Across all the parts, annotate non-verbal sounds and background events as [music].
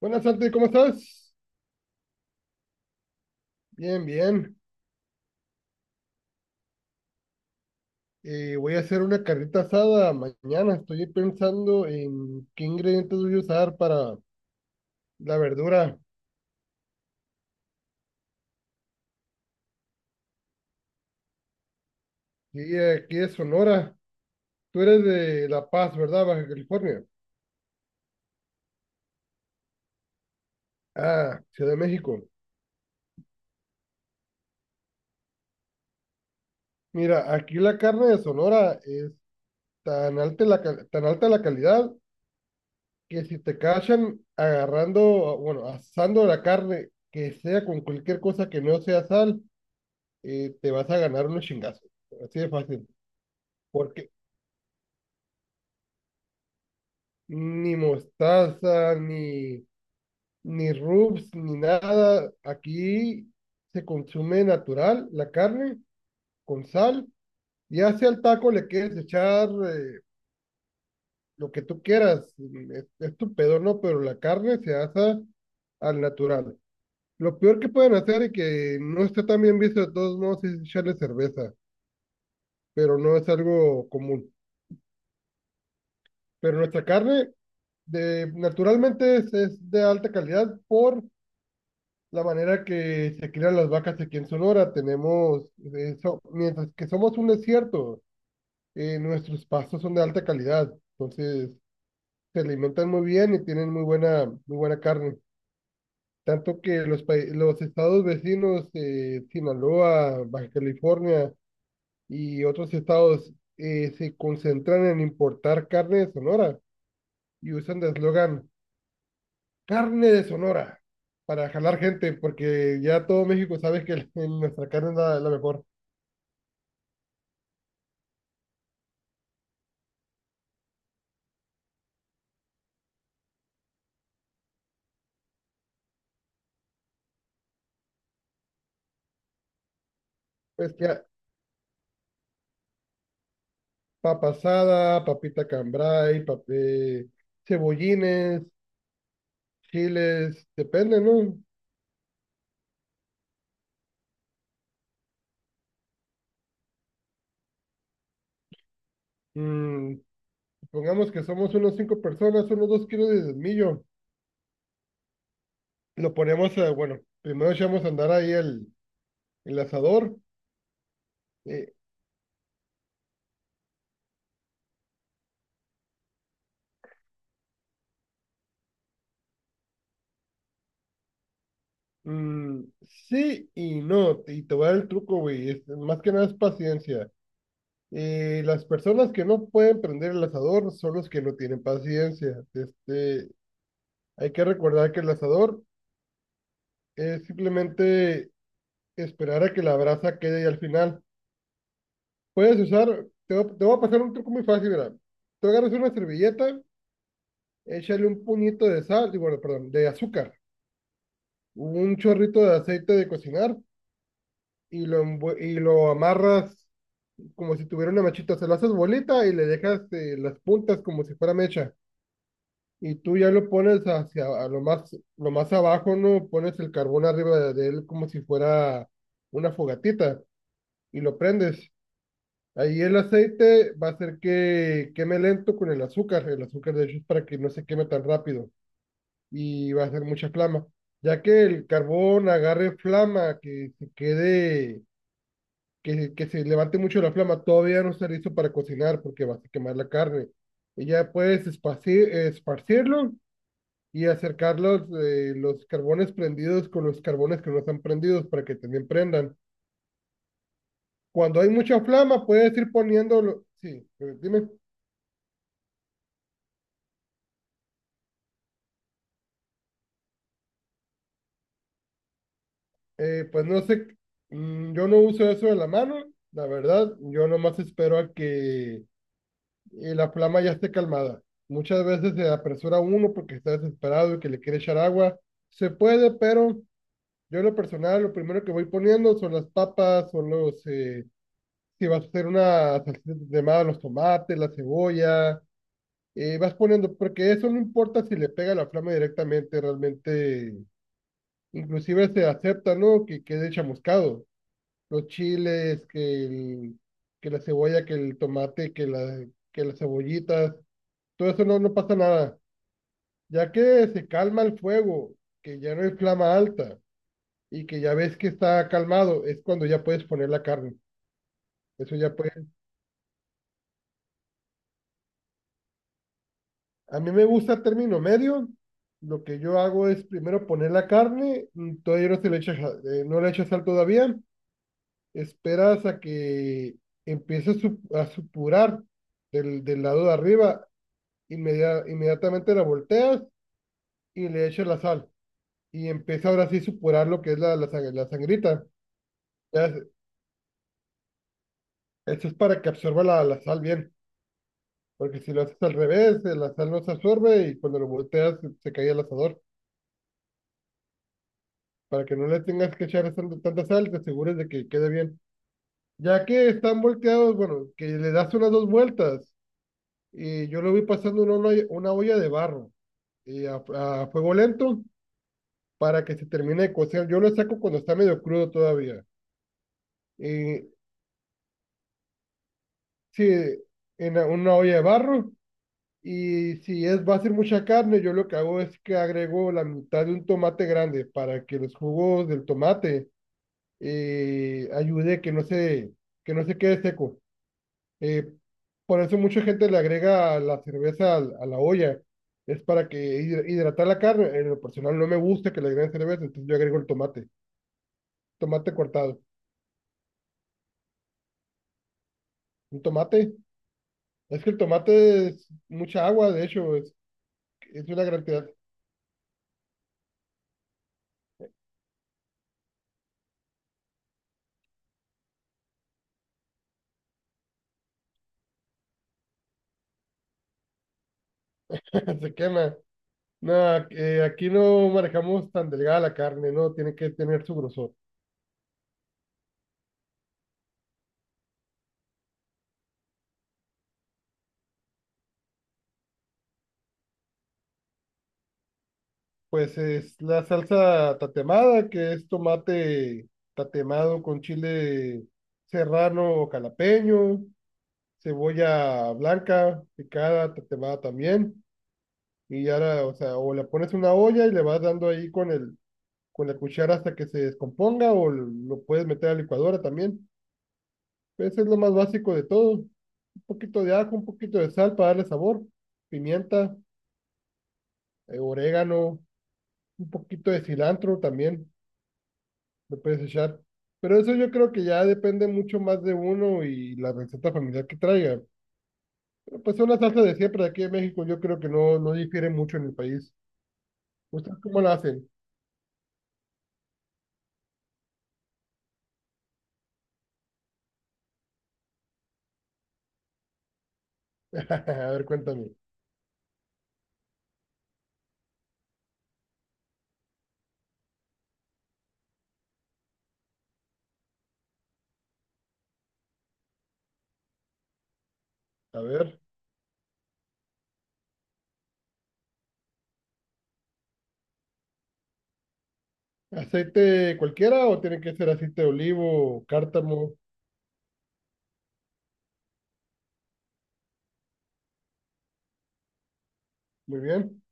Buenas, Santi, ¿cómo estás? Bien, bien. Voy a hacer una carnita asada mañana. Estoy pensando en qué ingredientes voy a usar para la verdura. Y aquí es Sonora. Tú eres de La Paz, ¿verdad? Baja California. Ah, Ciudad de México. Mira, aquí la carne de Sonora es tan alta la calidad que si te cachan agarrando, bueno, asando la carne, que sea con cualquier cosa que no sea sal, te vas a ganar unos chingazos. Así de fácil. Porque ni mostaza, ni rubs, ni nada. Aquí se consume natural la carne con sal. Ya sea el taco le quieres echar lo que tú quieras, es tu pedo, ¿no? Pero la carne se hace al natural. Lo peor que pueden hacer y que no está tan bien visto de todos modos es echarle cerveza, pero no es algo común. Pero nuestra carne naturalmente es de alta calidad por la manera que se crían las vacas aquí en Sonora. Tenemos, eso, mientras que somos un desierto, nuestros pastos son de alta calidad, entonces se alimentan muy bien y tienen muy buena carne. Tanto que los estados vecinos, Sinaloa, Baja California y otros estados, se concentran en importar carne de Sonora y usan de eslogan, carne de Sonora para jalar gente, porque ya todo México sabe que [laughs] nuestra carne es la mejor. Pues papa asada, papita cambray, cebollines, chiles, depende, ¿no? Mm, Supongamos que somos unos cinco personas, unos 2 kilos de millo. Lo ponemos, bueno, primero echamos a andar ahí el asador. eh, mm, sí y no, y te voy a dar el truco, güey. Más que nada es paciencia. Las personas que no pueden prender el asador son los que no tienen paciencia. Hay que recordar que el asador es simplemente esperar a que la brasa quede y al final puedes usar, te voy a pasar un truco muy fácil, mira. Tú agarras una servilleta, échale un puñito de sal, digo, perdón, de azúcar, un chorrito de aceite de cocinar y y lo amarras como si tuviera una mechita, se lo haces bolita y le dejas las puntas como si fuera mecha. Y tú ya lo pones hacia a lo más abajo, ¿no? Pones el carbón arriba de él como si fuera una fogatita y lo prendes. Ahí el aceite va a hacer que queme lento con el azúcar. El azúcar, de hecho, es para que no se queme tan rápido y va a hacer mucha flama. Ya que el carbón agarre flama, que se quede, que se levante mucho la flama, todavía no está listo para cocinar porque vas a quemar la carne. Y ya puedes esparcirlo y acercar los carbones prendidos con los carbones que no están prendidos para que también prendan. Cuando hay mucha flama, puedes ir poniéndolo. Sí, dime. Pues no sé, yo no uso eso de la mano, la verdad, yo nomás espero a que la flama ya esté calmada. Muchas veces se apresura uno porque está desesperado y que le quiere echar agua. Se puede, pero yo en lo personal, lo primero que voy poniendo son las papas, si vas a hacer una salsita de más, los tomates, la cebolla, vas poniendo, porque eso no importa si le pega la flama directamente, realmente, inclusive se acepta, ¿no? Que quede chamuscado los chiles, que la cebolla, que el tomate, que las cebollitas, todo eso no pasa nada. Ya que se calma el fuego, que ya no hay flama alta y que ya ves que está calmado, es cuando ya puedes poner la carne. Eso ya puedes. A mí me gusta término medio. Lo que yo hago es primero poner la carne, todavía no se le echa, ja- no le echa sal todavía, esperas a que empiece a supurar del lado de arriba. Inmediatamente la volteas y le echas la sal. Y empieza ahora sí a supurar lo que es la sangrita. Ya es- Eso es para que absorba la sal bien. Porque si lo haces al revés, la sal no se absorbe y cuando lo volteas se cae el asador. Para que no le tengas que echar tanta sal, te asegures de que quede bien. Ya que están volteados, bueno, que le das unas dos vueltas. Y yo lo vi pasando en una olla de barro y a fuego lento para que se termine de cocer. Yo lo saco cuando está medio crudo todavía. Y sí, en una olla de barro. Y si va a ser mucha carne, yo lo que hago es que agrego la mitad de un tomate grande para que los jugos del tomate ayude que no se quede seco. Eh, por eso mucha gente le agrega la cerveza la olla. Es para que hidratar la carne. En lo personal no me gusta que le agreguen cerveza, entonces yo agrego el tomate, tomate cortado. Un tomate, es que el tomate es mucha agua, de hecho, es una gran cantidad. [laughs] Se quema. Nada, aquí no manejamos tan delgada la carne, ¿no? Tiene que tener su grosor. Pues es la salsa tatemada, que es tomate tatemado con chile serrano o calapeño, cebolla blanca picada, tatemada también. Y ahora o sea, o la pones en una olla y le vas dando ahí con con la cuchara hasta que se descomponga, o lo puedes meter a la licuadora también. Pues es lo más básico de todo. Un poquito de ajo, un poquito de sal para darle sabor, pimienta. Orégano, un poquito de cilantro también, le puedes echar. Pero eso yo creo que ya depende mucho más de uno y la receta familiar que traiga. Pero pues es una salsa de siempre de aquí en México, yo creo que no difiere mucho en el país. ¿Ustedes cómo la hacen? [laughs] A ver, cuéntame. A ver, ¿aceite cualquiera o tiene que ser aceite de olivo, cártamo? Muy bien.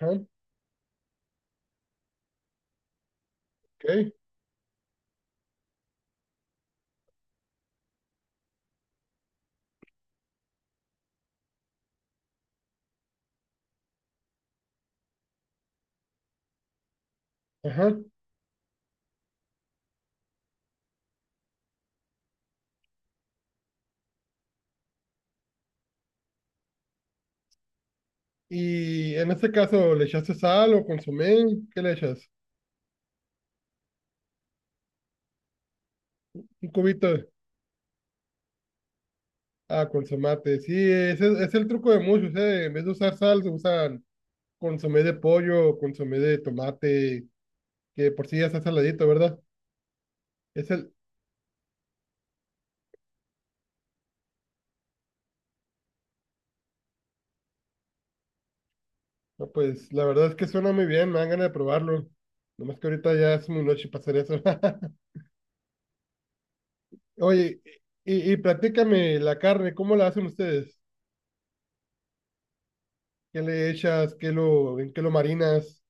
Ajá, ok. Ajá. Y en este caso, ¿le echaste sal o consomé? ¿Qué le echas? Un cubito. Ah, consomate. Sí, ese es el truco de muchos, ¿eh? En vez de usar sal, se usan consomé de pollo, consomé de tomate, que por sí ya está saladito, ¿verdad? Es el, no, pues la verdad es que suena muy bien, me dan ganas de probarlo. Nomás que ahorita ya es muy noche para hacer eso. [laughs] Oye, y platícame la carne, ¿cómo la hacen ustedes? ¿Qué le echas? ¿ En qué lo marinas?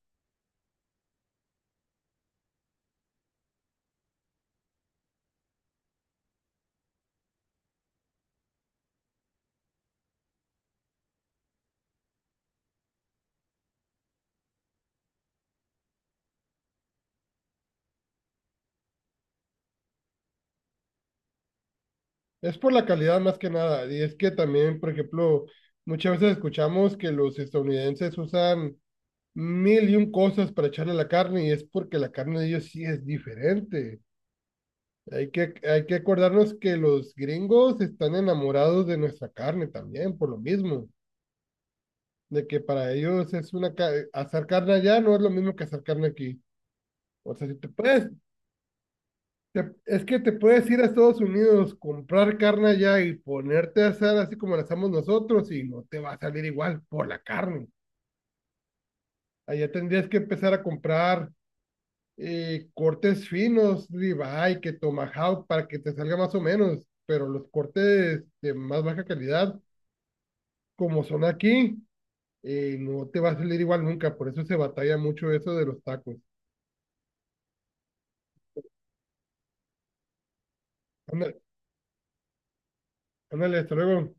Es por la calidad más que nada. Y es que también, por ejemplo, muchas veces escuchamos que los estadounidenses usan mil y un cosas para echarle a la carne y es porque la carne de ellos sí es diferente. Hay que acordarnos que los gringos están enamorados de nuestra carne también, por lo mismo, de que para ellos hacer carne allá no es lo mismo que hacer carne aquí. O sea, si te puedes, te- es que te puedes ir a Estados Unidos, comprar carne allá y ponerte a hacer así como la hacemos nosotros y no te va a salir igual por la carne. Allá tendrías que empezar a comprar cortes finos, ribeye, que tomahawk, para que te salga más o menos, pero los cortes de más baja calidad, como son aquí, no te va a salir igual nunca, por eso se batalla mucho eso de los tacos. Ándale, ándale, hasta luego.